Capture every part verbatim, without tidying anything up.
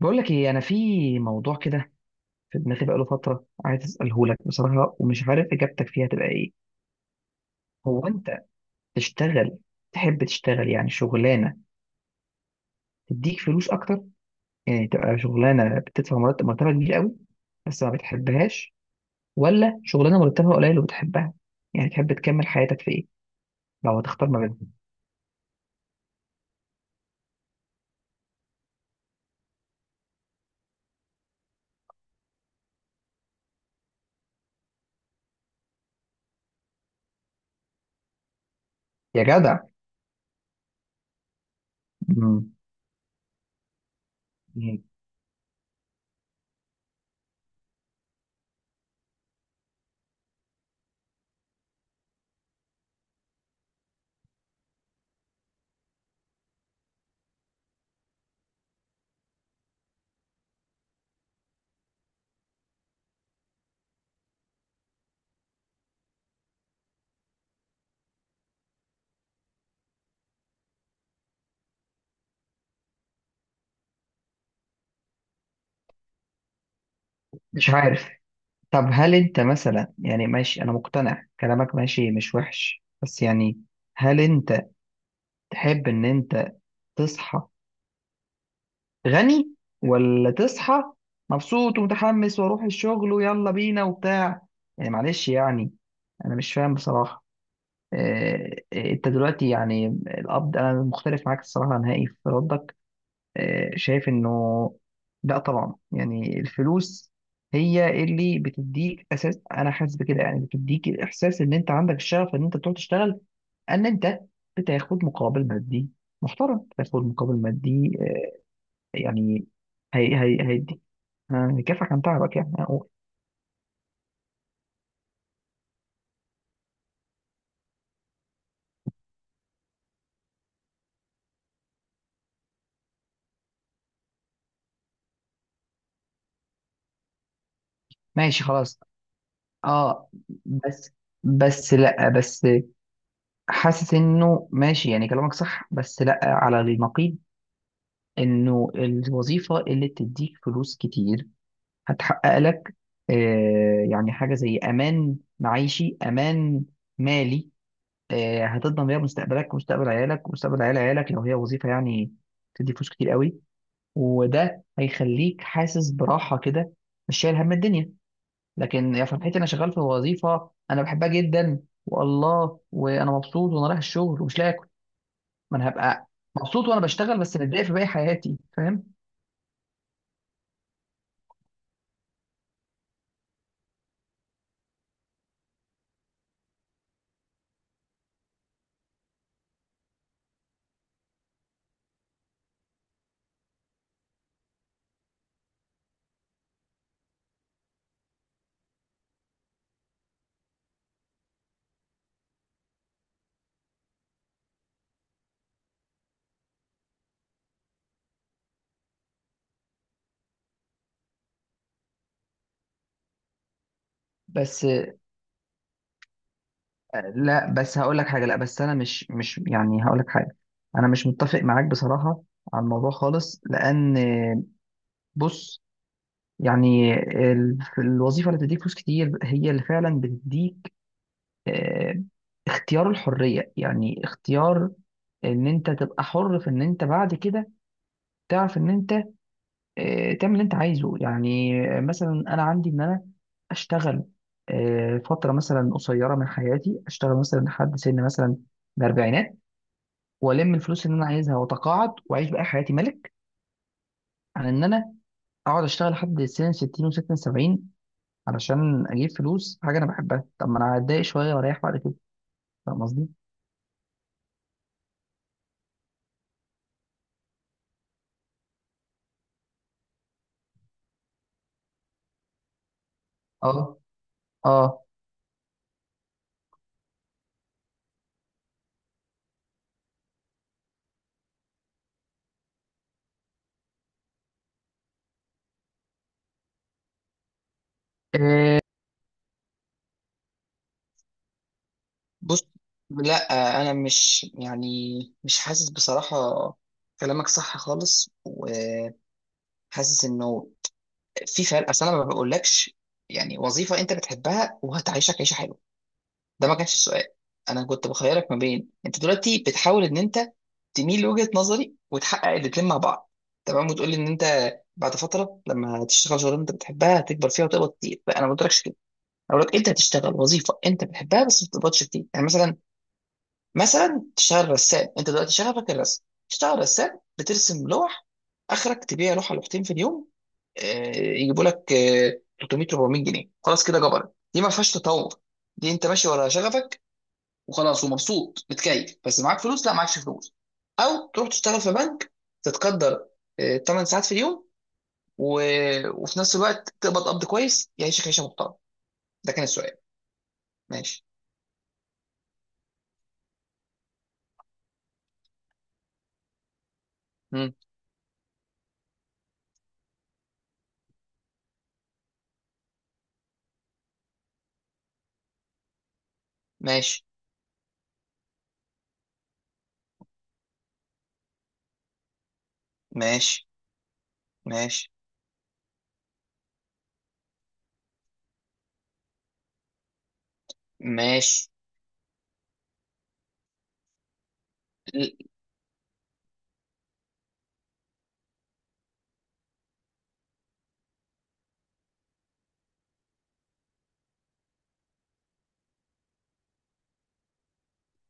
بقول لك ايه؟ انا في موضوع كده في دماغي بقاله فتره، عايز اساله لك بصراحه ومش عارف اجابتك فيها تبقى ايه. هو انت تشتغل تحب تشتغل يعني شغلانه تديك فلوس اكتر، يعني تبقى شغلانه بتدفع مرتب مرتبها كبير قوي بس ما بتحبهاش، ولا شغلانه مرتبها قليل وبتحبها؟ يعني تحب تكمل حياتك في ايه لو هتختار ما بينهم؟ يا جدع. مم. مش عارف. طب هل انت مثلا، يعني ماشي انا مقتنع، كلامك ماشي مش وحش، بس يعني هل انت تحب ان انت تصحى غني، ولا تصحى مبسوط ومتحمس واروح الشغل ويلا بينا وبتاع؟ يعني معلش يعني، انا مش فاهم بصراحة. آه، آه، انت دلوقتي يعني القبض، انا مختلف معاك الصراحة نهائي في ردك. آه، شايف انه لا طبعا، يعني الفلوس هي اللي بتديك اساس، انا حاسس بكده، يعني بتديك الاحساس ان انت عندك الشغف ان انت تروح تشتغل، ان انت بتاخد مقابل مادي محترم، بتاخد مقابل مادي آه، يعني هي هي هيدي، آه، هيكافئك عن تعبك يعني أقول. ماشي خلاص. اه. بس بس لا بس حاسس انه ماشي، يعني كلامك صح، بس لا على النقيض. انه الوظيفه اللي بتديك فلوس كتير هتحقق لك آه يعني حاجه زي امان معيشي، امان مالي، آه هتضمن بيها مستقبلك ومستقبل عيالك ومستقبل عيال عيالك لو هي وظيفه يعني بتدي فلوس كتير قوي. وده هيخليك حاسس براحه كده، مش شايل هم الدنيا. لكن يا فرحتي انا شغال في وظيفه انا بحبها جدا والله، وانا مبسوط وانا رايح الشغل ومش لاقي اكل. ما انا هبقى مبسوط وانا بشتغل بس متضايق في باقي حياتي، فاهم؟ بس لا بس هقول لك حاجه لا بس انا مش مش يعني هقول لك حاجه، انا مش متفق معاك بصراحه على الموضوع خالص، لان بص، يعني ال- الوظيفه اللي بتديك فلوس كتير هي اللي فعلا بتديك آه، اختيار الحريه، يعني اختيار ان انت تبقى حر في ان انت بعد كده تعرف ان انت آه، تعمل اللي انت عايزه. يعني مثلا انا عندي ان انا اشتغل آه، فتره مثلا قصيره من حياتي، اشتغل مثلا لحد سن مثلا الاربعينات والم الفلوس اللي انا عايزها واتقاعد واعيش بقى حياتي ملك، عن ان انا اقعد اشتغل لحد سن ستين و66 سبعين علشان اجيب فلوس حاجه انا بحبها. طب ما انا هتضايق شويه واريح بعد كده، فاهم قصدي؟ اه اه إيه، بص لا انا مش يعني مش حاسس بصراحه. كلامك صح خالص وحاسس انه في فرق، اصل انا ما بقولكش يعني وظيفه انت بتحبها وهتعيشك عيشه حلوه، ده ما كانش السؤال. انا كنت بخيرك ما بين انت دلوقتي بتحاول ان انت تميل لوجهة نظري وتحقق الاتنين مع بعض، تمام، وتقول لي ان انت بعد فتره لما تشتغل شغلانه انت بتحبها هتكبر فيها وتقبض كتير، لا انا ما قلتلكش كده. انا بقول لك انت هتشتغل وظيفه انت بتحبها بس ما بتقبضش كتير، يعني مثلا مثلا تشتغل رسام، انت دلوقتي شغفك الرسم، تشتغل رسام بترسم لوح، اخرك تبيع لوحه لوحتين في اليوم، آه، يجيبوا لك آه، ثلاث مئة اربعمية جنيه، خلاص كده جبرت، دي ما فيهاش تطور. دي انت ماشي ورا شغفك وخلاص ومبسوط متكيف، بس معاك فلوس؟ لا، معكش فلوس. او تروح تشتغل في بنك، تتقدر 8 ساعات في اليوم و... وفي نفس الوقت تقبض قبض كويس يعيشك عيشه محترمه. ده كان السؤال. ماشي. مم. ماشي ماشي ماشي ماشي.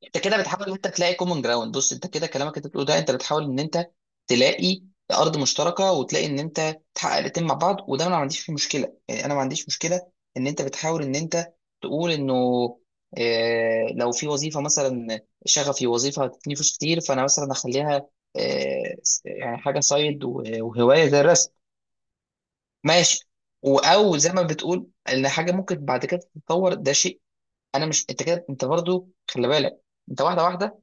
انت كده بتحاول ان انت تلاقي كومن جراوند. بص، انت كده كلامك انت بتقوله ده، انت بتحاول ان انت تلاقي ارض مشتركه وتلاقي ان انت تحقق الاتنين مع بعض، وده انا ما عنديش فيه مشكله، يعني انا ما عنديش مشكله ان انت بتحاول ان انت تقول انه اه لو في وظيفه مثلا شغفي وظيفه هتديني فلوس كتير، فانا مثلا اخليها اه يعني حاجه سايد وهوايه زي الرسم، ماشي، و- او زي ما بتقول ان حاجه ممكن بعد كده تتطور، ده شيء. انا مش، انت كده انت برضو خلي بالك، انت واحده واحده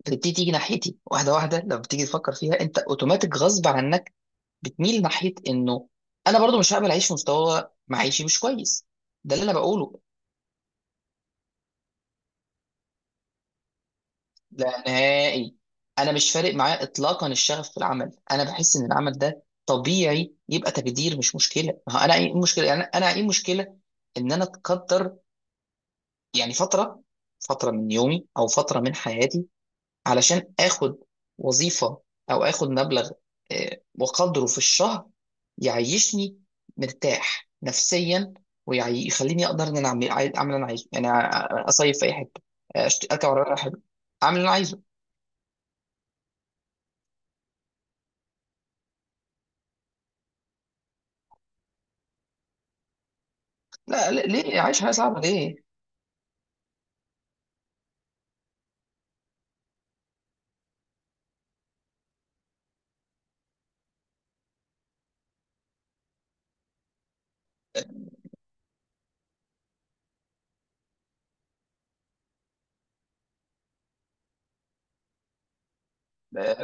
بتبتدي تيجي ناحيتي، واحده واحده لما بتيجي تفكر فيها انت اوتوماتيك غصب عنك بتميل ناحيه انه انا برضو مش هقبل اعيش في مستوى معيشي مش كويس. ده اللي انا بقوله، لا نهائي انا مش فارق معايا اطلاقا الشغف في العمل، انا بحس ان العمل ده طبيعي يبقى تقدير مش مشكله، ما هو انا ايه المشكله، يعني انا ايه المشكله ان انا اتقدر يعني فتره فتره من يومي او فتره من حياتي، علشان اخد وظيفة او اخد مبلغ آه، وقدره في الشهر يعيشني مرتاح نفسيا، ويخليني اقدر ان انا اعمل عاي- اعمل اللي انا عايزه، يعني أ- اصيف في اي حته، أشت- اركب عربيه في اي حته، اعمل اللي انا عايزه. لا لا- ليه عايش حياه صعبه ليه؟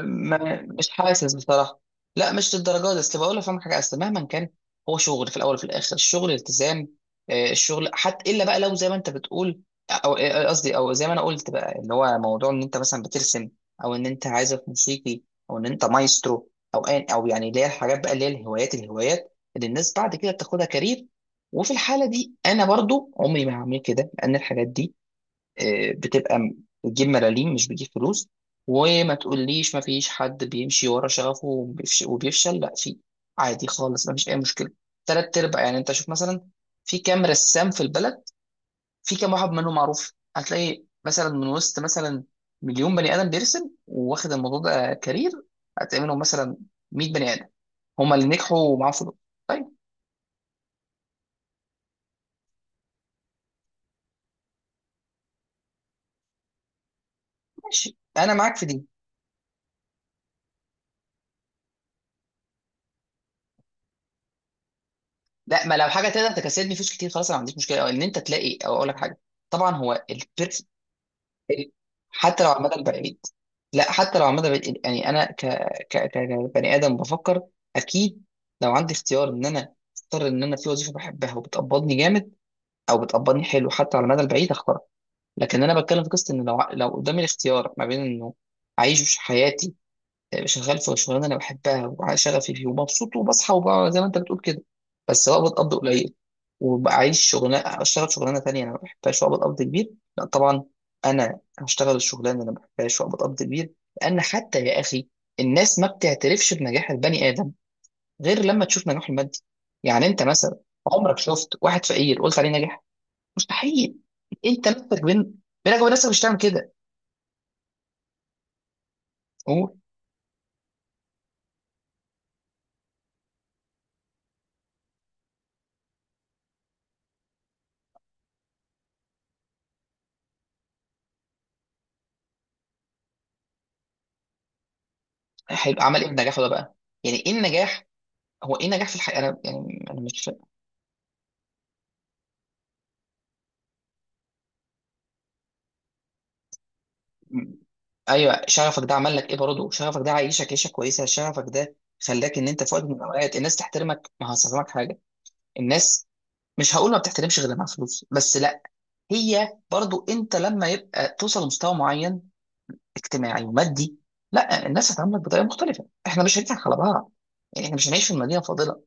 ما مش حاسس بصراحه، لا مش للدرجه دي. اصل بقول لك، فاهم حاجه، اصل مهما كان هو شغل في الاول وفي الاخر، الشغل التزام، آه، الشغل حتى الا بقى لو زي ما انت بتقول او آه، آه، قصدي، او زي ما انا قلت بقى، اللي هو موضوع ان انت مثلا بترسم او ان انت عازف موسيقي او ان انت مايسترو، او أي- او يعني اللي هي الحاجات بقى اللي هي الهوايات، الهوايات اللي الناس بعد كده بتاخدها كارير، وفي الحاله دي انا برضو عمري ما هعمل كده، لان الحاجات دي آه، بتبقى م- بتجيب ملاليم مش بتجيب فلوس. وما تقوليش ما فيش حد بيمشي ورا شغفه وبيفش- وبيفشل، لا في، عادي خالص ما فيش اي مشكله، تلات ارباع. يعني انت شوف مثلا في كام رسام في البلد، في كام واحد منهم معروف؟ هتلاقي مثلا من وسط مثلا مليون بني ادم بيرسم واخد الموضوع ده كارير، هتلاقي منهم مثلا مئة بني ادم هما اللي نجحوا ومعاهم فلوس. طيب. ماشي انا معاك في دي. لا ما لو حاجه تقدر تكسبني فلوس كتير خلاص انا ما عنديش مشكله، او ان انت تلاقي، او اقول لك حاجه، طبعا هو البيرس. حتى لو على المدى البعيد، لا حتى لو على المدى البعيد يعني انا ك ك ك- كبني ادم بفكر اكيد لو عندي اختيار ان انا اختار ان انا في وظيفه بحبها وبتقبضني جامد او بتقبضني حلو حتى على المدى البعيد هختارها. لكن انا بتكلم في قصه ان لو لو قدامي الاختيار ما بين انه اعيش حياتي مش هشتغل في شغلانه انا بحبها وشغفي فيه ومبسوط وبصحى وبقى زي ما انت بتقول كده بس بقى بتقبض قليل، وبعيش شغلانه، اشتغل شغلانه تانية انا ما بحبهاش وأقبض قبض كبير، لا طبعا انا هشتغل الشغلانه اللي انا ما بحبهاش وأقبض قبض كبير. لان حتى يا اخي الناس ما بتعترفش بنجاح البني ادم غير لما تشوف نجاحه المادي. يعني انت مثلا عمرك شفت واحد فقير قلت عليه ناجح؟ مستحيل. انت نفسك بين بينك وبين نفسك مش هتعمل كده. هو هيبقى عمل ايه بنجاحه ده بقى، يعني ايه النجاح؟ هو ايه نجاح في الحياه انا يعني انا مش فا- م- ايوه شغفك ده عمل لك ايه برضه، شغفك ده عايشك عيشه كويسه، شغفك ده خلاك ان انت في وقت من الاوقات الناس تحترمك؟ ما هفهمك حاجه، الناس، مش هقول ما بتحترمش غير لما معاها فلوس، بس لا، هي برضه انت لما يبقى توصل لمستوى معين اجتماعي ومادي، لا الناس هتعاملك بطريقه مختلفه، احنا مش هنضحك على بعض، يعني احنا مش هنعيش في المدينه الفاضله،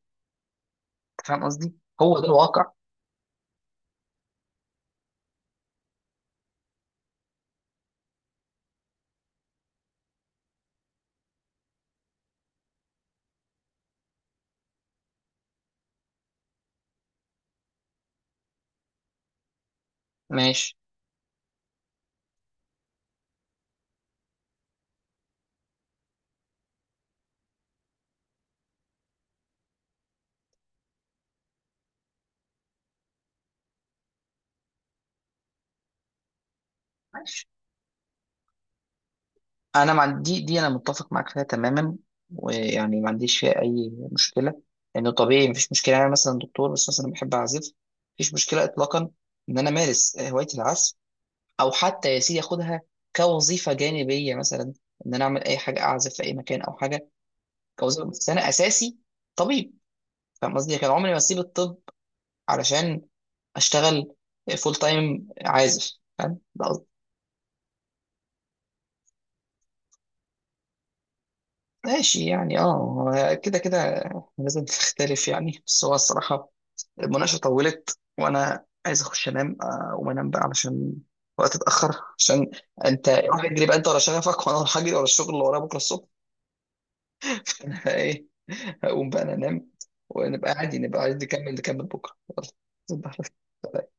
أنت فاهم قصدي، هو ده الواقع. ماشي. انا ما عندي دي، انا متفق معاك فيها تماما، ويعني ما عنديش فيها اي مشكله، لانه طبيعي مفيش مشكله. يعني انا مثلا دكتور بس مثلا بحب اعزف، مفيش مشكله اطلاقا ان انا امارس آه، هوايه العزف، او حتى يا سيدي اخدها كوظيفه جانبيه مثلا، ان انا اعمل اي حاجه اعزف في اي مكان او حاجه كوظيفه، بس انا اساسي طبيب. فاهم قصدي؟ كان عمري ما اسيب الطب علشان اشتغل فول تايم عازف. فاهم ده قصدي. ماشي يعني اه، هو كده كده لازم تختلف يعني، بس هو الصراحه المناقشة طولت وأنا عايز أخش أنام، آه، وما أنام بقى علشان وقت اتأخر، عشان أنت روح اجري بقى أنت ورا شغفك، وأنا هروح أجري ورا الشغل اللي ورايا بكرة الصبح. أنا إيه، هقوم بقى أنا أنام، ونبقى عادي، نبقى عايز نكمل، نكمل بكرة يلا. تصبح على خير.